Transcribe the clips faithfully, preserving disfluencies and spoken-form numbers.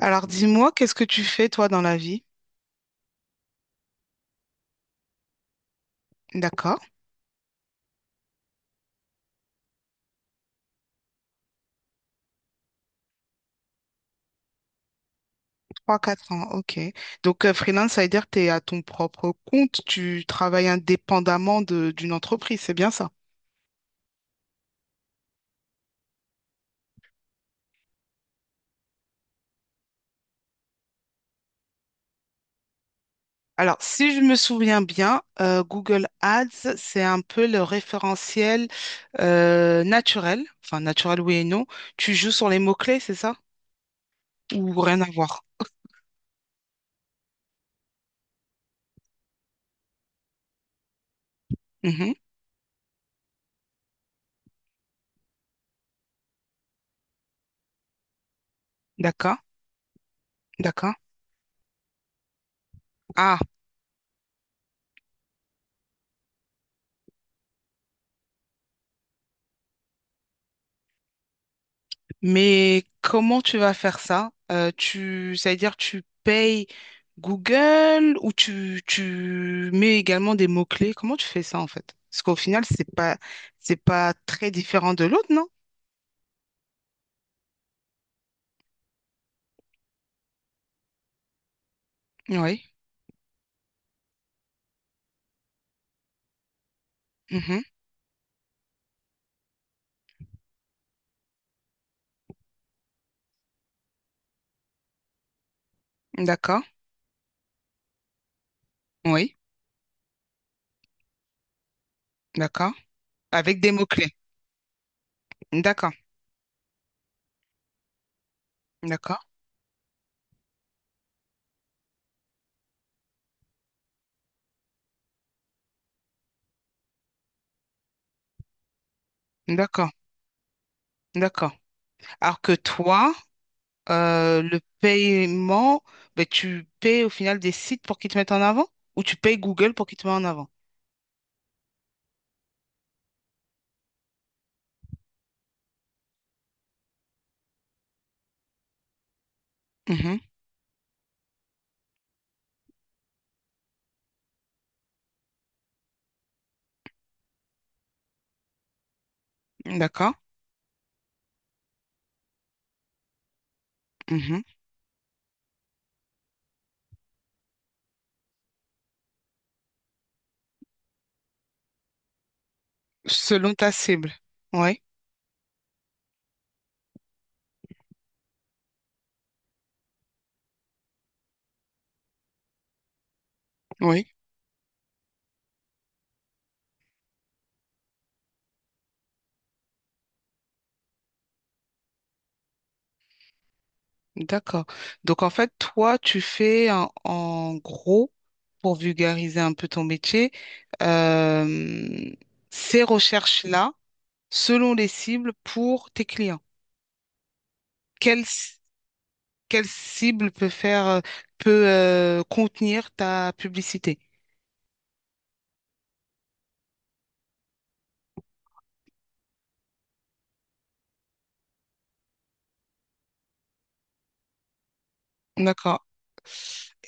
Alors dis-moi, qu'est-ce que tu fais toi dans la vie? D'accord. Trois quatre ans, ok. Donc euh, freelance, ça veut dire que tu es à ton propre compte, tu travailles indépendamment de- d'une entreprise, c'est bien ça? Alors si je me souviens bien, euh, Google Ads, c'est un peu le référentiel euh, naturel, enfin naturel oui et non. Tu joues sur les mots-clés, c'est ça? Ou rien à voir? Mhm. D'accord, d'accord. Ah, mais comment tu vas faire ça? Euh, tu, ça veut dire tu payes Google ou tu, tu mets également des mots-clés? Comment tu fais ça en fait? Parce qu'au final, c'est pas, c'est pas très différent de l'autre, non? Oui. Mhm. D'accord. Oui. D'accord. Avec des mots-clés. D'accord. D'accord. D'accord. D'accord. Alors que toi, euh, le paiement, ben, tu payes au final des sites pour qu'ils te mettent en avant ou tu payes Google pour qu'ils te mettent en avant? Mhm. D'accord. Mhm. Selon ta cible. Oui, oui, d'accord. Donc en fait, toi, tu fais en, en gros, pour vulgariser un peu ton métier, euh, ces recherches-là, selon les cibles pour tes clients. Quelle, c- quelle cible peut faire, euh, peut euh, contenir ta publicité? D'accord.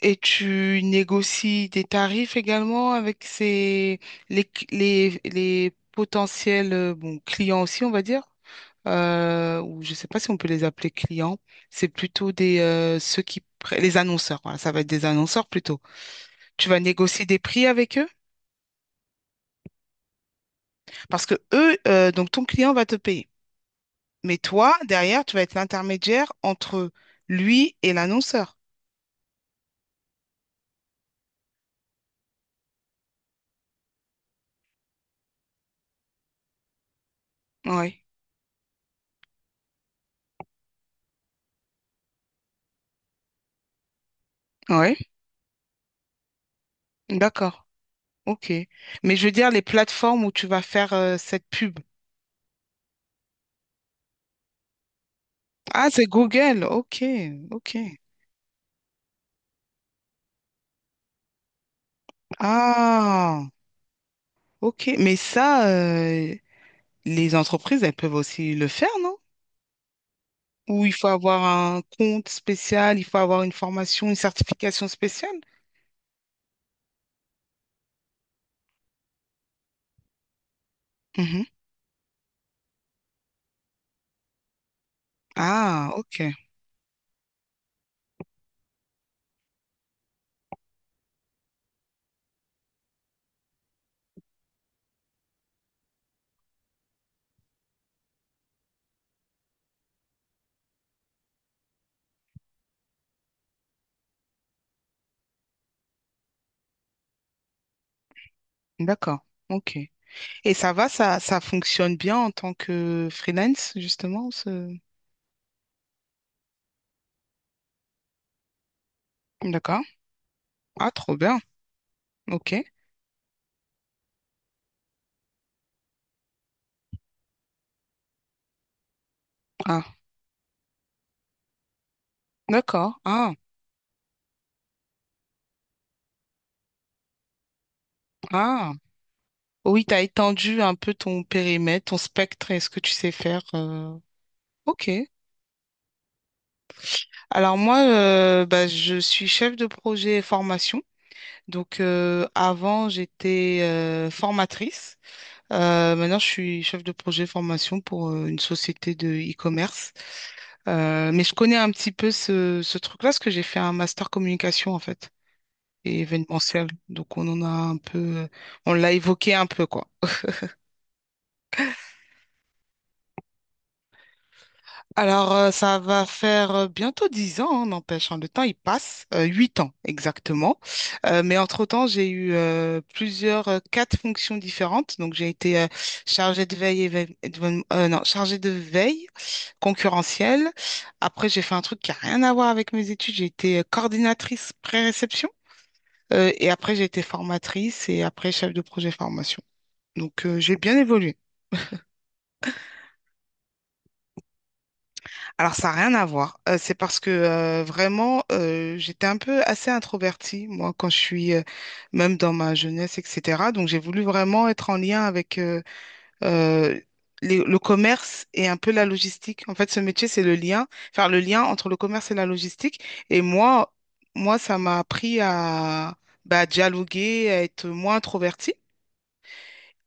Et tu négocies des tarifs également avec ces, les, cl- les, les potentiels euh, bon, clients aussi, on va dire. Euh, ou je ne sais pas si on peut les appeler clients. C'est plutôt des, euh, ceux qui, pr- les annonceurs. Voilà, ça va être des annonceurs plutôt. Tu vas négocier des prix avec eux parce que eux, euh, donc ton client va te payer. Mais toi, derrière, tu vas être l'intermédiaire entre lui et l'annonceur. Oui, oui, d'accord. Ok. Mais je veux dire, les plateformes où tu vas faire euh, cette pub. Ah, c'est Google. Ok, ok. Ah, ok. Mais ça, euh, les entreprises, elles peuvent aussi le faire, non? Ou il faut avoir un compte spécial, il faut avoir une formation, une certification spéciale? Mhm. Ah, ok. D'accord. Ok. Et ça va, ça, ça fonctionne bien en tant que freelance, justement, ce... D'accord. Ah, trop bien. Ok. Ah, d'accord. Ah, ah. Oui, tu as étendu un peu ton périmètre, ton spectre et ce que tu sais faire. euh, Ok. Alors moi, euh, bah, je suis chef de projet formation. Donc euh, avant, j'étais euh, formatrice. Euh, maintenant, je suis chef de projet formation pour euh, une société de e-commerce. Euh, mais je connais un petit peu ce, ce truc-là parce que j'ai fait un master communication en fait et événementiel. Donc on en a un peu, on l'a évoqué un peu quoi. Alors, euh, ça va faire euh, bientôt dix ans, hein, n'empêche, hein, le temps, il passe. Euh, Huit ans, exactement. Euh, mais entre-temps, j'ai eu euh, plusieurs, euh, quatre fonctions différentes. Donc, j'ai été euh, chargée de veille, éve- éve- euh, non, chargée de veille concurrentielle. Après, j'ai fait un truc qui a rien à voir avec mes études. J'ai été euh, coordinatrice pré-réception. Euh, et après, j'ai été formatrice et après, chef de projet formation. Donc, euh, j'ai bien évolué. Alors, ça n'a rien à voir. Euh, c'est parce que euh, vraiment, euh, j'étais un peu assez introvertie, moi, quand je suis, euh, même dans ma jeunesse, et cetera. Donc, j'ai voulu vraiment être en lien avec euh, euh, les- le commerce et un peu la logistique. En fait, ce métier, c'est le lien, faire le lien entre le commerce et la logistique. Et moi, moi, ça m'a appris à bah, dialoguer, à être moins introvertie.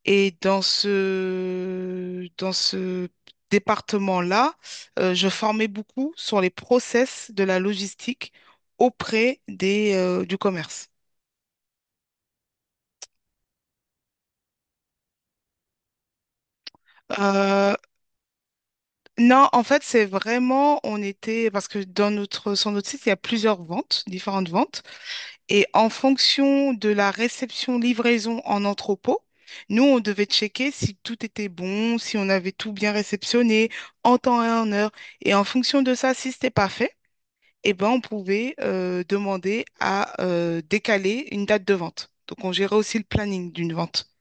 Et dans ce, dans ce département-là, euh, je formais beaucoup sur les process de la logistique auprès des, euh, du commerce. Euh, non, en fait, c'est vraiment, on était, parce que dans notre, sur notre site, il y a plusieurs ventes, différentes ventes, et en fonction de la réception, livraison en entrepôt, nous, on devait checker si tout était bon, si on avait tout bien réceptionné, en temps et en heure, et en fonction de ça, si c'était pas fait, eh ben, on pouvait euh, demander à euh, décaler une date de vente. Donc, on gérait aussi le planning d'une vente.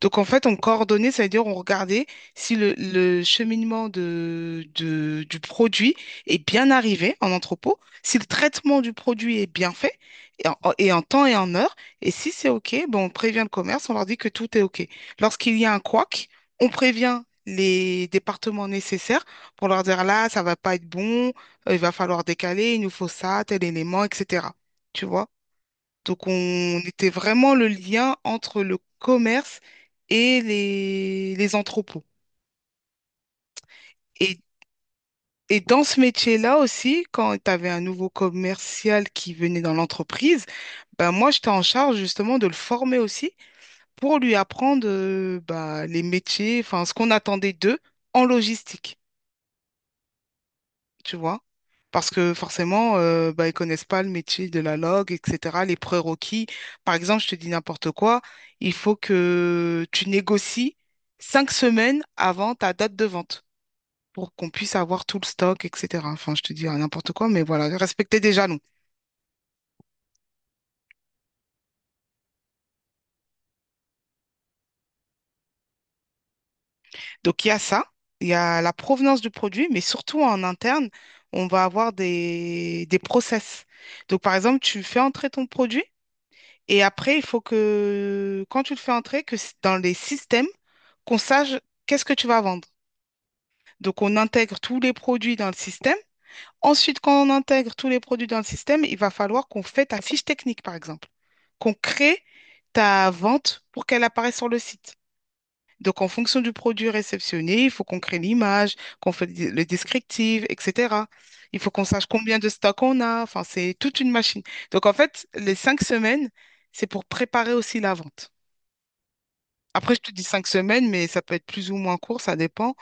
Donc en fait, on coordonnait, ça veut dire on regardait si le, le cheminement de, de- du produit est bien arrivé en entrepôt, si le traitement du produit est bien fait et en, et en temps et en heure. Et si c'est OK, ben on prévient le commerce, on leur dit que tout est OK. Lorsqu'il y a un couac, on prévient les départements nécessaires pour leur dire là, ça va pas être bon, euh, il va falloir décaler, il nous faut ça, tel élément, et cetera. Tu vois? Donc, on était vraiment le lien entre le commerce et les, les entrepôts. Et, et dans ce métier-là aussi, quand tu avais un nouveau commercial qui venait dans l'entreprise, ben moi, j'étais en charge justement de le former aussi pour lui apprendre euh, bah, les métiers, enfin, ce qu'on attendait d'eux en logistique. Tu vois. Parce que forcément, euh, bah, ils connaissent pas le métier de la log, et cetera, les prérequis. Par exemple, je te dis n'importe quoi, il faut que tu négocies cinq semaines avant ta date de vente pour qu'on puisse avoir tout le stock, et cetera. Enfin, je te dis euh, n'importe quoi, mais voilà, respecter des jalons. Donc, il y a ça, il y a la provenance du produit, mais surtout en interne, on va avoir des, des process. Donc, par exemple, tu fais entrer ton produit. Et après, il faut que, quand tu le fais entrer, que s- dans les systèmes, qu'on sache qu'est-ce que tu vas vendre. Donc, on intègre tous les produits dans le système. Ensuite, quand on intègre tous les produits dans le système, il va falloir qu'on fait ta fiche technique, par exemple, qu'on crée ta vente pour qu'elle apparaisse sur le site. Donc, en fonction du produit réceptionné, il faut qu'on crée l'image, qu'on fait le descriptif, et cetera. Il faut qu'on sache combien de stocks on a. Enfin, c'est toute une machine. Donc, en fait, les cinq semaines, c'est pour préparer aussi la vente. Après, je te dis cinq semaines, mais ça peut être plus ou moins court, ça dépend,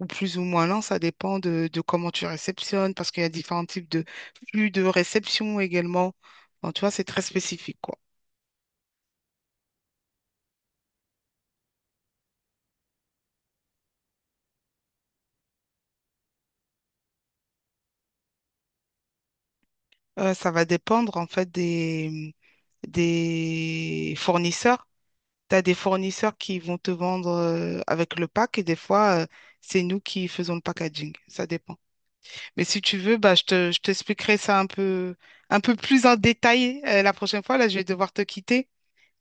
ou plus ou moins lent, ça dépend de, de comment tu réceptionnes, parce qu'il y a différents types de flux de réception également. Enfin, tu vois, c'est très spécifique, quoi. Euh, ça va dépendre, en fait, des, des fournisseurs. Tu as des fournisseurs qui vont te vendre euh, avec le pack et des fois, euh, c'est nous qui faisons le packaging. Ça dépend. Mais si tu veux, bah, je te, je t'expliquerai ça un peu, un peu plus en détail euh, la prochaine fois. Là, je vais devoir te quitter.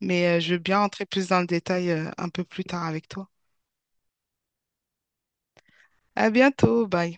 Mais euh, je veux bien entrer plus dans le détail euh, un peu plus tard avec toi. À bientôt, bye.